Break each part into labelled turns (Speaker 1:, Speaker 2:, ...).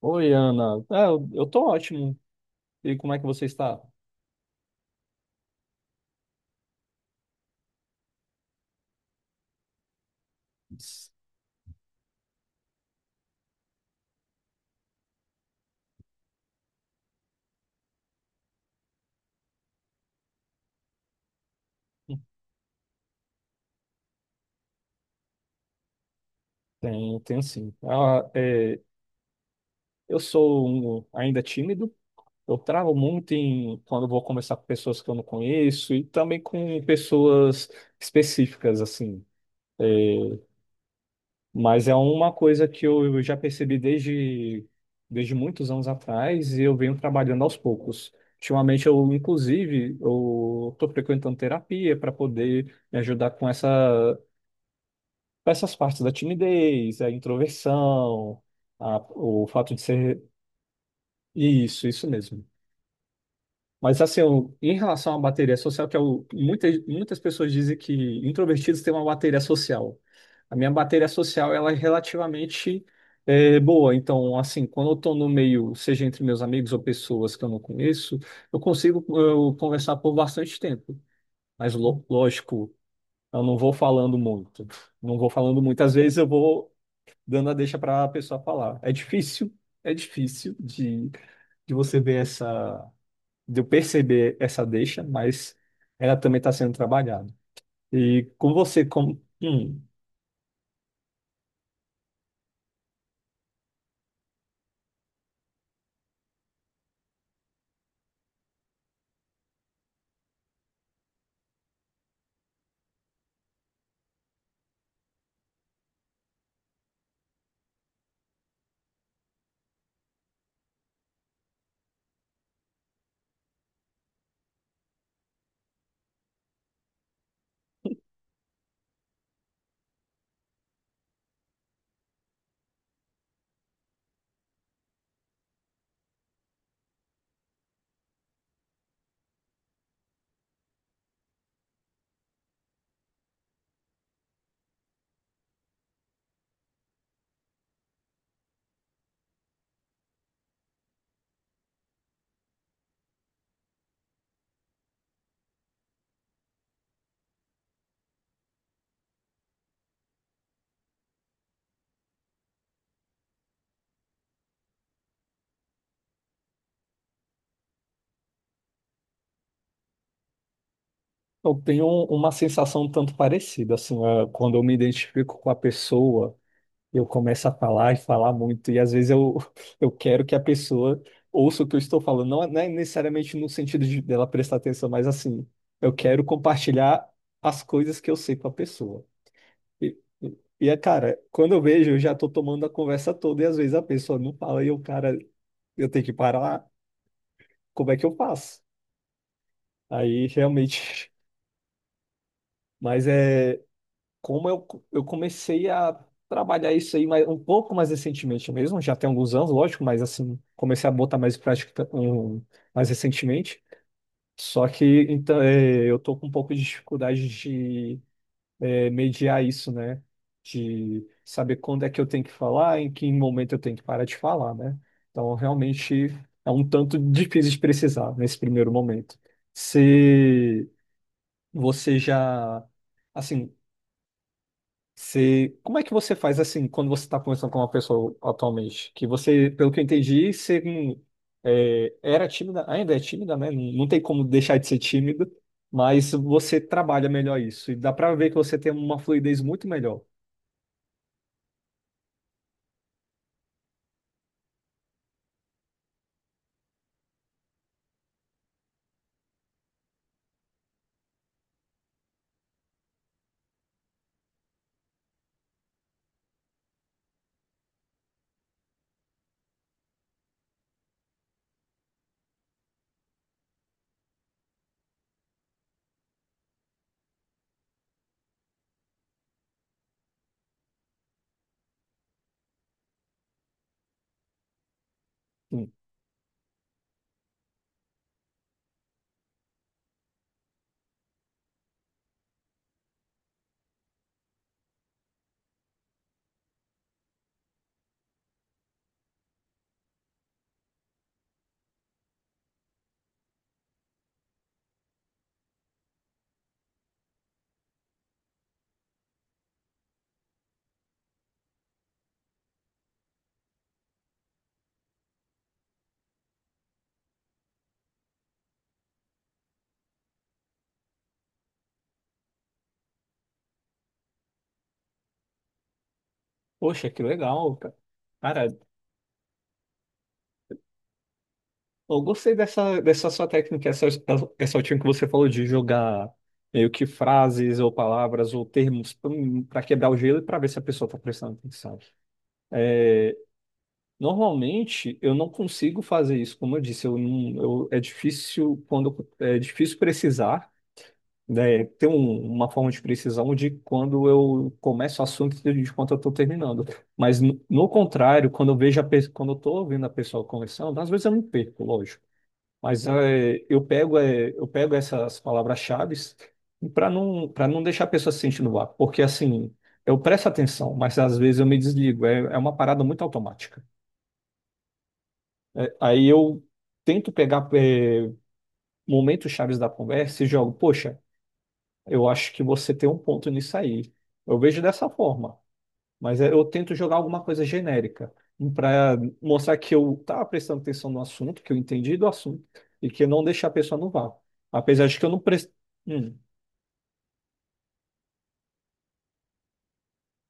Speaker 1: Oi, Ana. Eu tô ótimo. E como é que você está? Tenho, tenho sim. Eu sou ainda tímido. Eu travo muito em quando eu vou conversar com pessoas que eu não conheço e também com pessoas específicas, assim. Mas é uma coisa que eu já percebi desde muitos anos atrás e eu venho trabalhando aos poucos. Ultimamente, eu estou frequentando terapia para poder me ajudar com essas partes da timidez, a introversão, o fato de ser. Isso mesmo. Mas assim, em relação à bateria social, que muitas pessoas dizem que introvertidos têm uma bateria social. A minha bateria social, ela é relativamente boa. Então, assim, quando eu estou no meio, seja entre meus amigos ou pessoas que eu não conheço, eu consigo conversar por bastante tempo. Mas, lógico, eu não vou falando muito. Não vou falando muitas vezes, eu vou dando a deixa para a pessoa falar. É difícil de você ver essa, de eu perceber essa deixa, mas ela também está sendo trabalhada. E com você, como? Eu tenho uma sensação um tanto parecida, assim, ah, quando eu me identifico com a pessoa, eu começo a falar e falar muito, e às vezes eu, eu quero que a pessoa ouça o que eu estou falando, não é necessariamente no sentido de dela prestar atenção, mas assim, eu quero compartilhar as coisas que eu sei com a pessoa. E, e é, cara, quando eu vejo, eu já tô tomando a conversa toda e às vezes a pessoa não fala e o cara, eu tenho que parar, como é que eu faço? Aí realmente, mas é como eu comecei a trabalhar isso aí mais, um pouco mais recentemente mesmo, já tem alguns anos, lógico, mas assim, comecei a botar mais em prática mais recentemente. Só que então, é, eu tô com um pouco de dificuldade de mediar isso, né? De saber quando é que eu tenho que falar, em que momento eu tenho que parar de falar, né? Então, realmente é um tanto difícil de precisar nesse primeiro momento. Se você já, assim, se, como é que você faz assim quando você está conversando com uma pessoa atualmente? Que você, pelo que eu entendi, você era tímida, ainda é tímida, né? Não tem como deixar de ser tímido. Mas você trabalha melhor isso e dá para ver que você tem uma fluidez muito melhor. Hum. Poxa, que legal, cara. Cara, eu gostei dessa, dessa sua técnica, essa última que você falou de jogar meio que frases ou palavras ou termos para quebrar o gelo e para ver se a pessoa está prestando atenção. É, normalmente eu não consigo fazer isso, como eu disse, eu não, eu, é difícil quando é difícil precisar, né, ter uma forma de precisão de quando eu começo o assunto e de quando eu estou terminando. Mas, no contrário, quando eu vejo a quando eu estou ouvindo a pessoa conversando, às vezes eu me perco, lógico. Mas é, eu pego essas palavras-chave para para não deixar a pessoa se sentindo no vácuo. Porque, assim, eu presto atenção, mas às vezes eu me desligo. É, é uma parada muito automática. É, aí eu tento pegar, é, momentos chaves da conversa e jogo, poxa. Eu acho que você tem um ponto nisso aí. Eu vejo dessa forma, mas é, eu tento jogar alguma coisa genérica para mostrar que eu estava prestando atenção no assunto, que eu entendi do assunto e que não deixar a pessoa no vácuo. Apesar de que eu não prestei.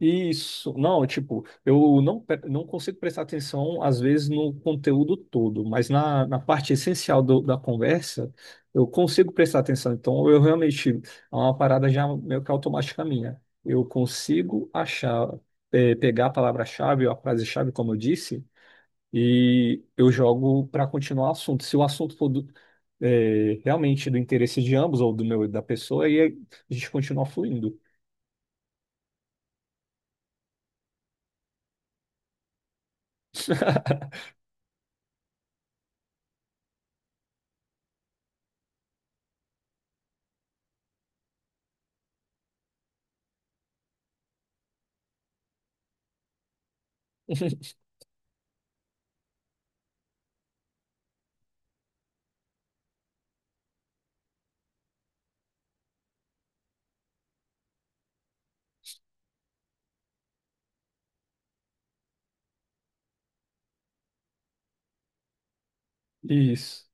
Speaker 1: Isso, não, tipo, eu não, não consigo prestar atenção, às vezes, no conteúdo todo, mas na parte essencial da conversa, eu consigo prestar atenção. Então, eu realmente, é uma parada já meio que automática minha. Eu consigo achar, pegar a palavra-chave ou a frase-chave, como eu disse, e eu jogo para continuar o assunto. Se o assunto for realmente do interesse de ambos, ou do meu e da pessoa, aí a gente continua fluindo. Isso.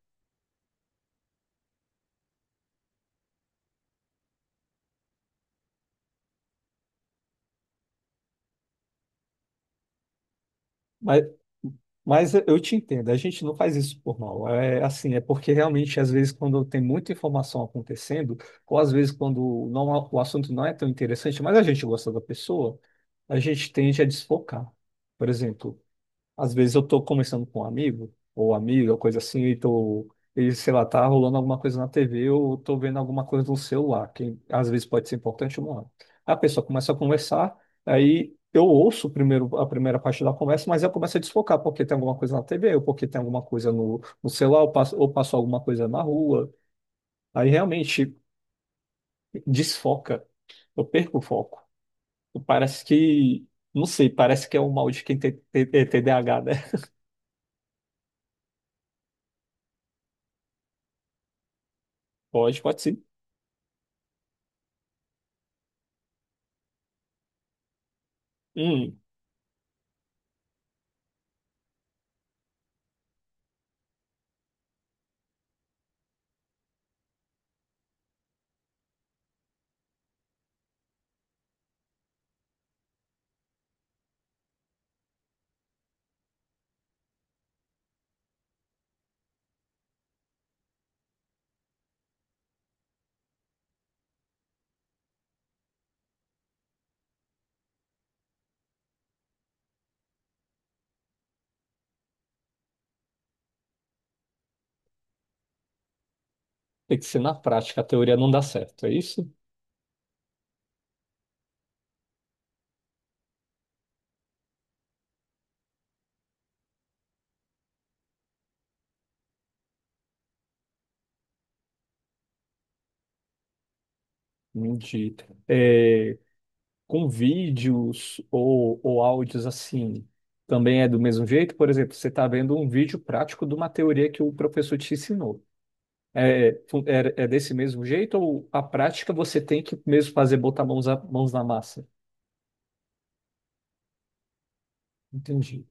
Speaker 1: Mas, mas eu te entendo, a gente não faz isso por mal. É assim, é porque realmente, às vezes, quando tem muita informação acontecendo, ou às vezes quando não, o assunto não é tão interessante, mas a gente gosta da pessoa, a gente tende a desfocar. Por exemplo, às vezes eu tô conversando com um amigo ou amiga, ou coisa assim, e tô, e, sei lá, tá rolando alguma coisa na TV ou tô vendo alguma coisa no celular, que às vezes pode ser importante ou não. A pessoa começa a conversar, aí eu ouço primeiro a primeira parte da conversa, mas eu começo a desfocar porque tem alguma coisa na TV, ou porque tem alguma coisa no celular, ou passo alguma coisa na rua. Aí realmente desfoca. Eu perco o foco. Parece que, não sei, parece que é o mal de quem tem TDAH, né? Pode, pode sim. Hum. Tem que ser na prática, a teoria não dá certo, é isso? De, é, com vídeos ou áudios assim, também é do mesmo jeito? Por exemplo, você está vendo um vídeo prático de uma teoria que o professor te ensinou. É desse mesmo jeito ou a prática você tem que mesmo fazer botar mãos, mãos na massa? Entendi.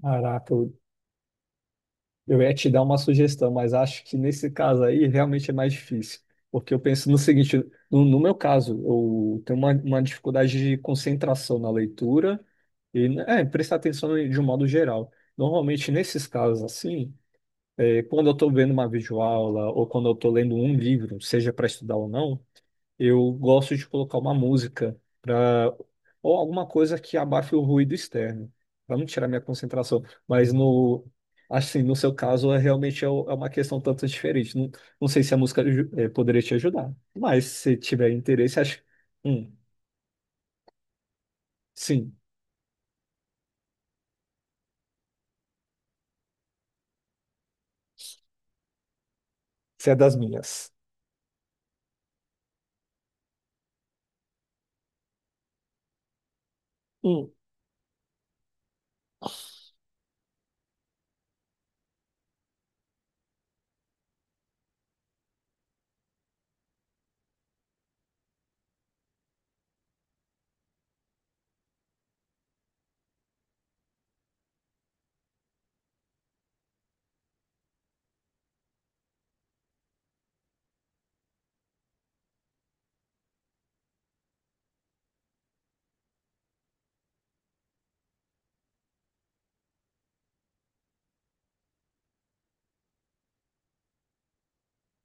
Speaker 1: Caraca, eu, eu ia te dar uma sugestão, mas acho que nesse caso aí realmente é mais difícil. Porque eu penso no seguinte, no meu caso, eu tenho uma dificuldade de concentração na leitura e é, prestar atenção de um modo geral. Normalmente, nesses casos assim, é, quando eu estou vendo uma videoaula ou quando eu estou lendo um livro, seja para estudar ou não, eu gosto de colocar uma música para ou alguma coisa que abafe o ruído externo, para não tirar minha concentração. Mas no assim, no seu caso, é realmente é uma questão tanto diferente. Não, não sei se a música poderia te ajudar, mas se tiver interesse, acho. Hum, sim, se é das minhas. Hum,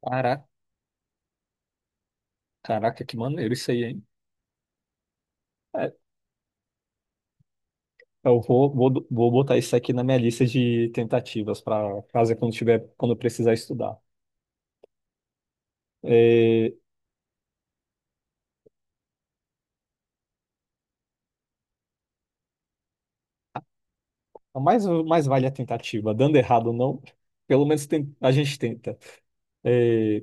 Speaker 1: caraca, caraca, que maneiro isso aí, hein? É, vou botar isso aqui na minha lista de tentativas para fazer quando tiver, quando eu precisar estudar. É, mais, mais vale a tentativa. Dando errado ou não, pelo menos a gente tenta. É,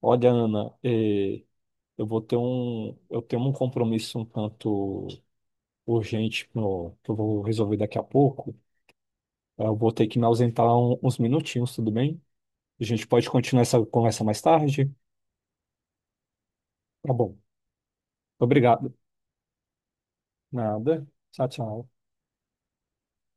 Speaker 1: olha, Ana, é, eu tenho um compromisso um tanto urgente que eu vou resolver daqui a pouco. Eu vou ter que me ausentar uns minutinhos, tudo bem? A gente pode continuar essa conversa mais tarde? Tá bom. Obrigado. Nada. Tchau, tchau.